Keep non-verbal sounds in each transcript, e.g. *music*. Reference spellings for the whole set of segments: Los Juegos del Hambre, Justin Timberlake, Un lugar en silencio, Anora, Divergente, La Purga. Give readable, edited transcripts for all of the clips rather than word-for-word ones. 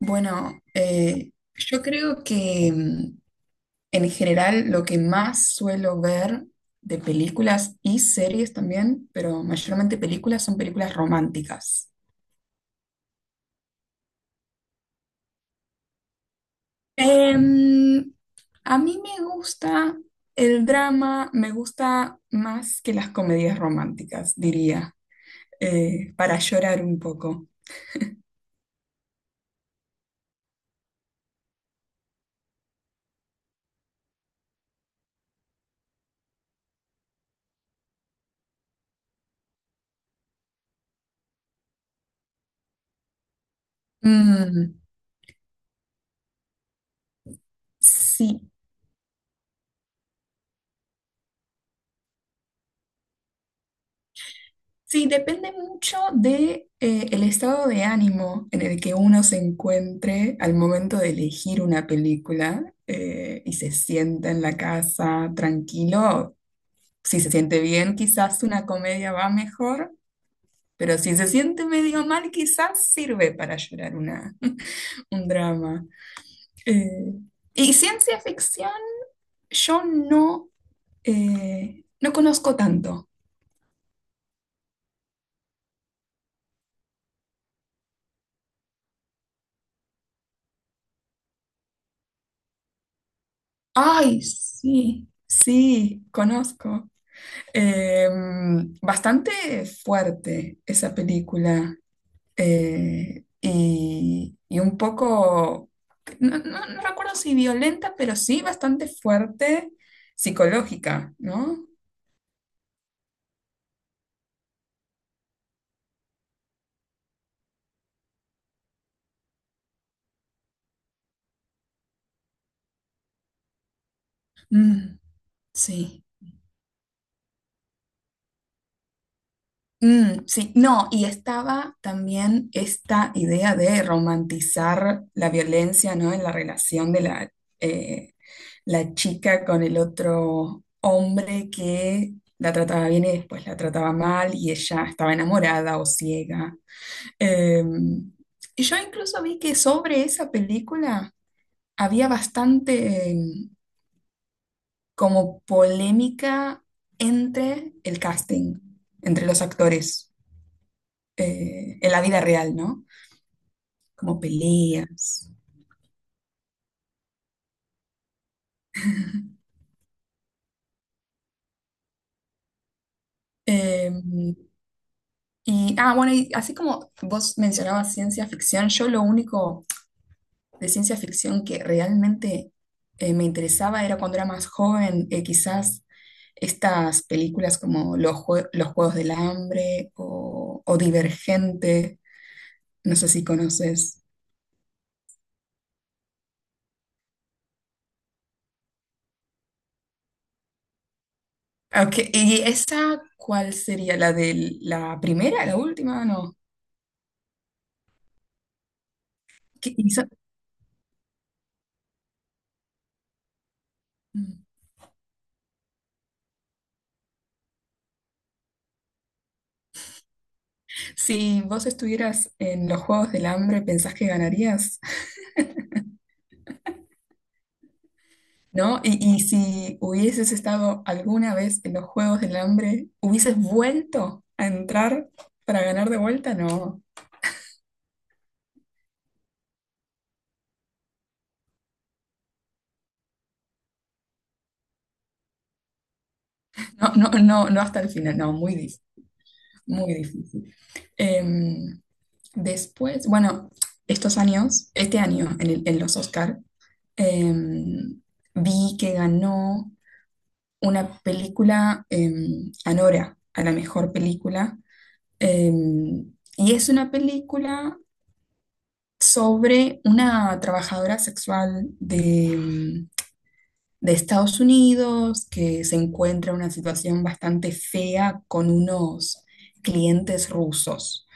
Bueno, yo creo que en general lo que más suelo ver de películas y series también, pero mayormente películas, son películas románticas. Em, a mí me gusta el drama, me gusta más que las comedias románticas, diría, para llorar un poco. Mm, sí. Sí, depende mucho de, el estado de ánimo en el que uno se encuentre al momento de elegir una película, y se sienta en la casa tranquilo. Si se siente bien, quizás una comedia va mejor, pero si se siente medio mal, quizás sirve para llorar una, *laughs* un drama. Eh, y ciencia ficción, yo no conozco tanto. Ay, sí, sí, conozco. Eh, Bastante fuerte esa película, y un poco, no, no recuerdo si violenta, pero sí bastante fuerte psicológica, ¿no? Mm, sí. Mm, sí, no, y estaba también esta idea de romantizar la violencia, ¿no? En la relación de la, eh, la chica con el otro hombre que la trataba bien y después la trataba mal y ella estaba enamorada o ciega. Eh, y yo incluso vi que sobre esa película había bastante, como polémica entre el casting, entre los actores, en la vida real, ¿no? Como peleas. Eh, bueno, y así como vos mencionabas ciencia ficción, yo lo único de ciencia ficción que realmente, me interesaba era cuando era más joven, quizás estas películas como Los Juegos del Hambre o Divergente, no sé si conoces. Ok, ¿y esa cuál sería? ¿La de la primera, la última? No. ¿Qué hizo? Mm. Si vos estuvieras en los Juegos del Hambre, ¿pensás que ganarías? ¿No? Y si hubieses estado alguna vez en los Juegos del Hambre, ¿hubieses vuelto a entrar para ganar de vuelta? No, no, no, no, no hasta el final, no, muy difícil, muy difícil. Em, Después, bueno, estos años, este año en, en los Oscar, em, vi que ganó una película, em, Anora, a la mejor película. Y es una película sobre una trabajadora sexual de, de Estados Unidos que se encuentra en una situación bastante fea con unos clientes rusos.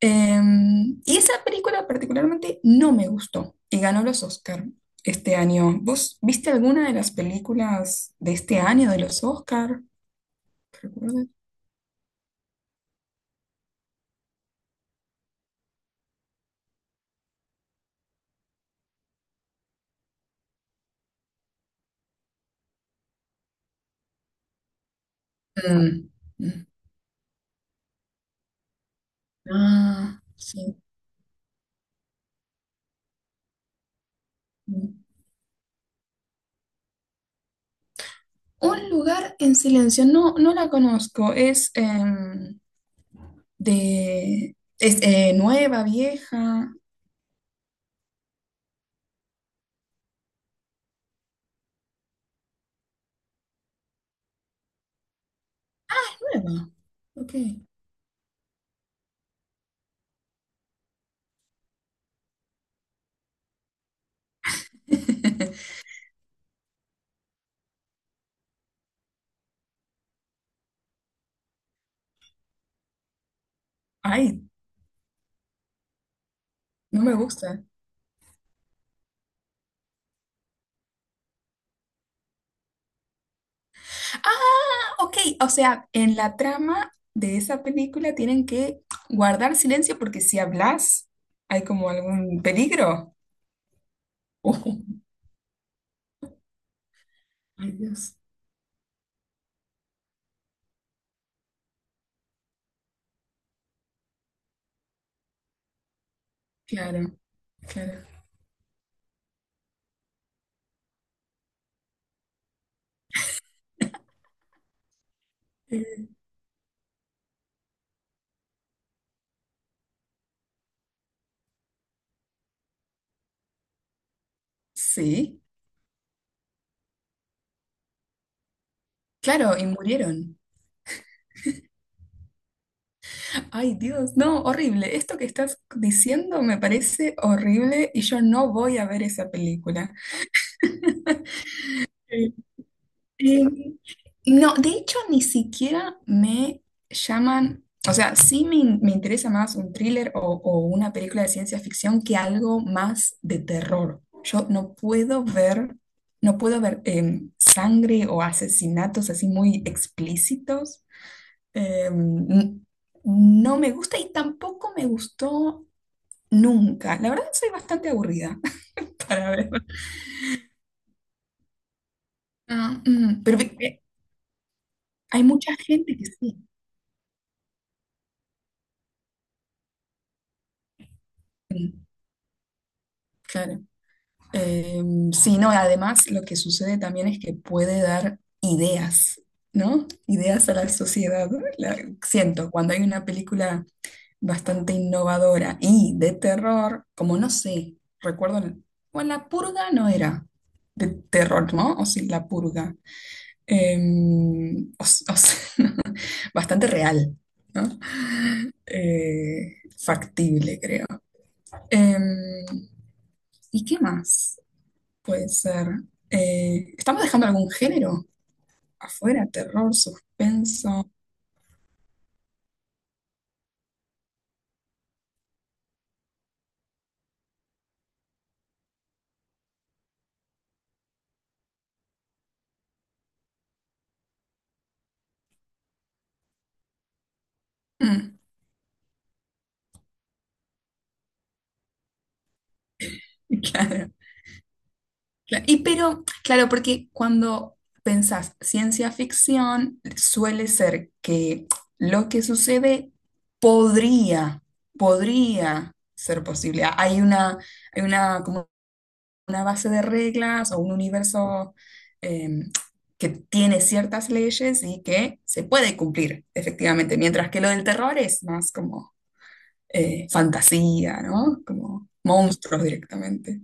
Y esa película particularmente no me gustó y ganó los Oscar este año. ¿Vos viste alguna de las películas de este año de los Oscar? ¿Recuerdas? Mm, mm. Ah, sí. Un lugar en silencio, no, no la conozco. Es em, de. Es nueva, vieja. Nueva. Ok. *laughs* Ay, no me gusta. Ah, ok. O sea, en la trama de esa película tienen que guardar silencio porque si hablas hay como algún peligro. *laughs* Oh, ay, Dios. Claro, claro. Eh, Sí, claro, y murieron. Ay, Dios, no, horrible. Esto que estás diciendo me parece horrible y yo no voy a ver esa película. Sí. Eh, no, de hecho, ni siquiera me llaman, o sea, sí me, me interesa más un thriller o una película de ciencia ficción que algo más de terror. Yo no puedo ver, no puedo ver, sangre o asesinatos así muy explícitos. Eh, n- no me gusta y tampoco me gustó. Nunca. La verdad soy bastante aburrida *laughs* para ver. Ah, mm, pero hay mucha gente que sí. Mm, claro. Eh, sí, no, además lo que sucede también es que puede dar ideas, ¿no? Ideas a la sociedad. La- Siento, cuando hay una película bastante innovadora y de terror, como no sé, recuerdo, bueno, La Purga no era de terror, ¿no? O sí, La Purga. O sea, *laughs* bastante real, ¿no? Factible, creo. Em, ¿Y qué más puede ser? ¿Estamos dejando algún género afuera? Terror, suspenso. Mm, *laughs* claro. Claro. Y pero, claro, porque cuando pensás ciencia ficción, suele ser que lo que sucede podría, podría ser posible. Hay una, como una base de reglas o un universo, eh, que tiene ciertas leyes y que se puede cumplir, efectivamente, mientras que lo del terror es más como, fantasía, ¿no? Como monstruos directamente.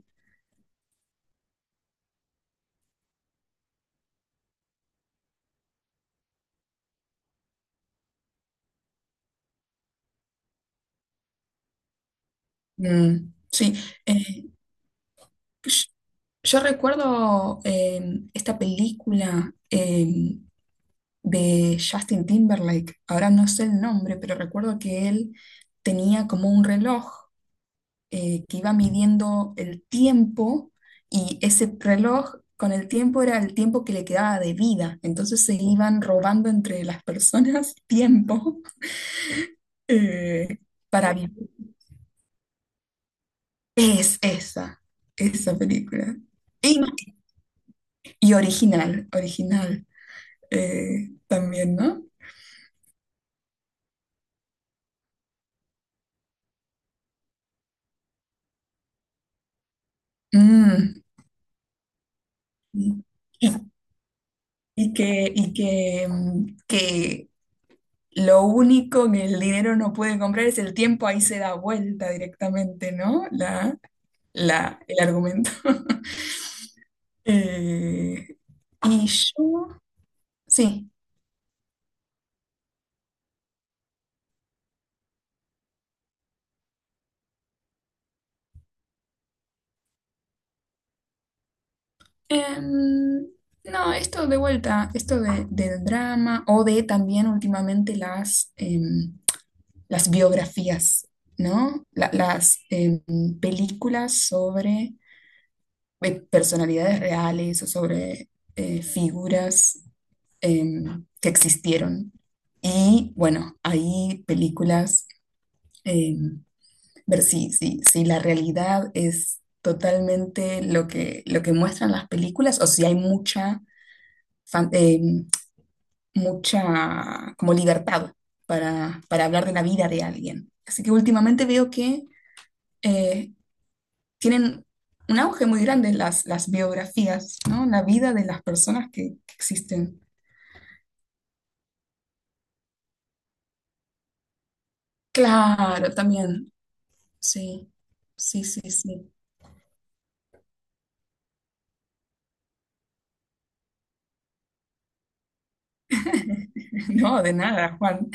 Mm, sí. eh, Yo yo recuerdo, esta película, em, de Justin Timberlake, ahora no sé el nombre, pero recuerdo que él tenía como un reloj, que iba midiendo el tiempo y ese reloj con el tiempo era el tiempo que le quedaba de vida, entonces se iban robando entre las personas *laughs* tiempo, eh, para vivir. Es esa, esa película. Y, y original, original, también, ¿no? Mm, y, y- y que, mm, que lo único que el dinero no puede comprar es el tiempo, ahí se da vuelta directamente, ¿no? La, el argumento. *laughs* Eh, y yo, sí. Em, no, esto de vuelta, esto de, del drama o de también últimamente las, las biografías, ¿no? Las, películas sobre, personalidades reales o sobre, figuras, que existieron. Y bueno, hay películas, em, ver si, si, si la realidad es totalmente lo que muestran las películas o si hay mucha, fan- em, mucha como libertad para hablar de la vida de alguien. Así que últimamente veo que... eh, tienen un auge muy grande las biografías, ¿no? La vida de las personas que existen. Claro, también, sí, sí, sí, sí. *laughs* No, de nada, Juan.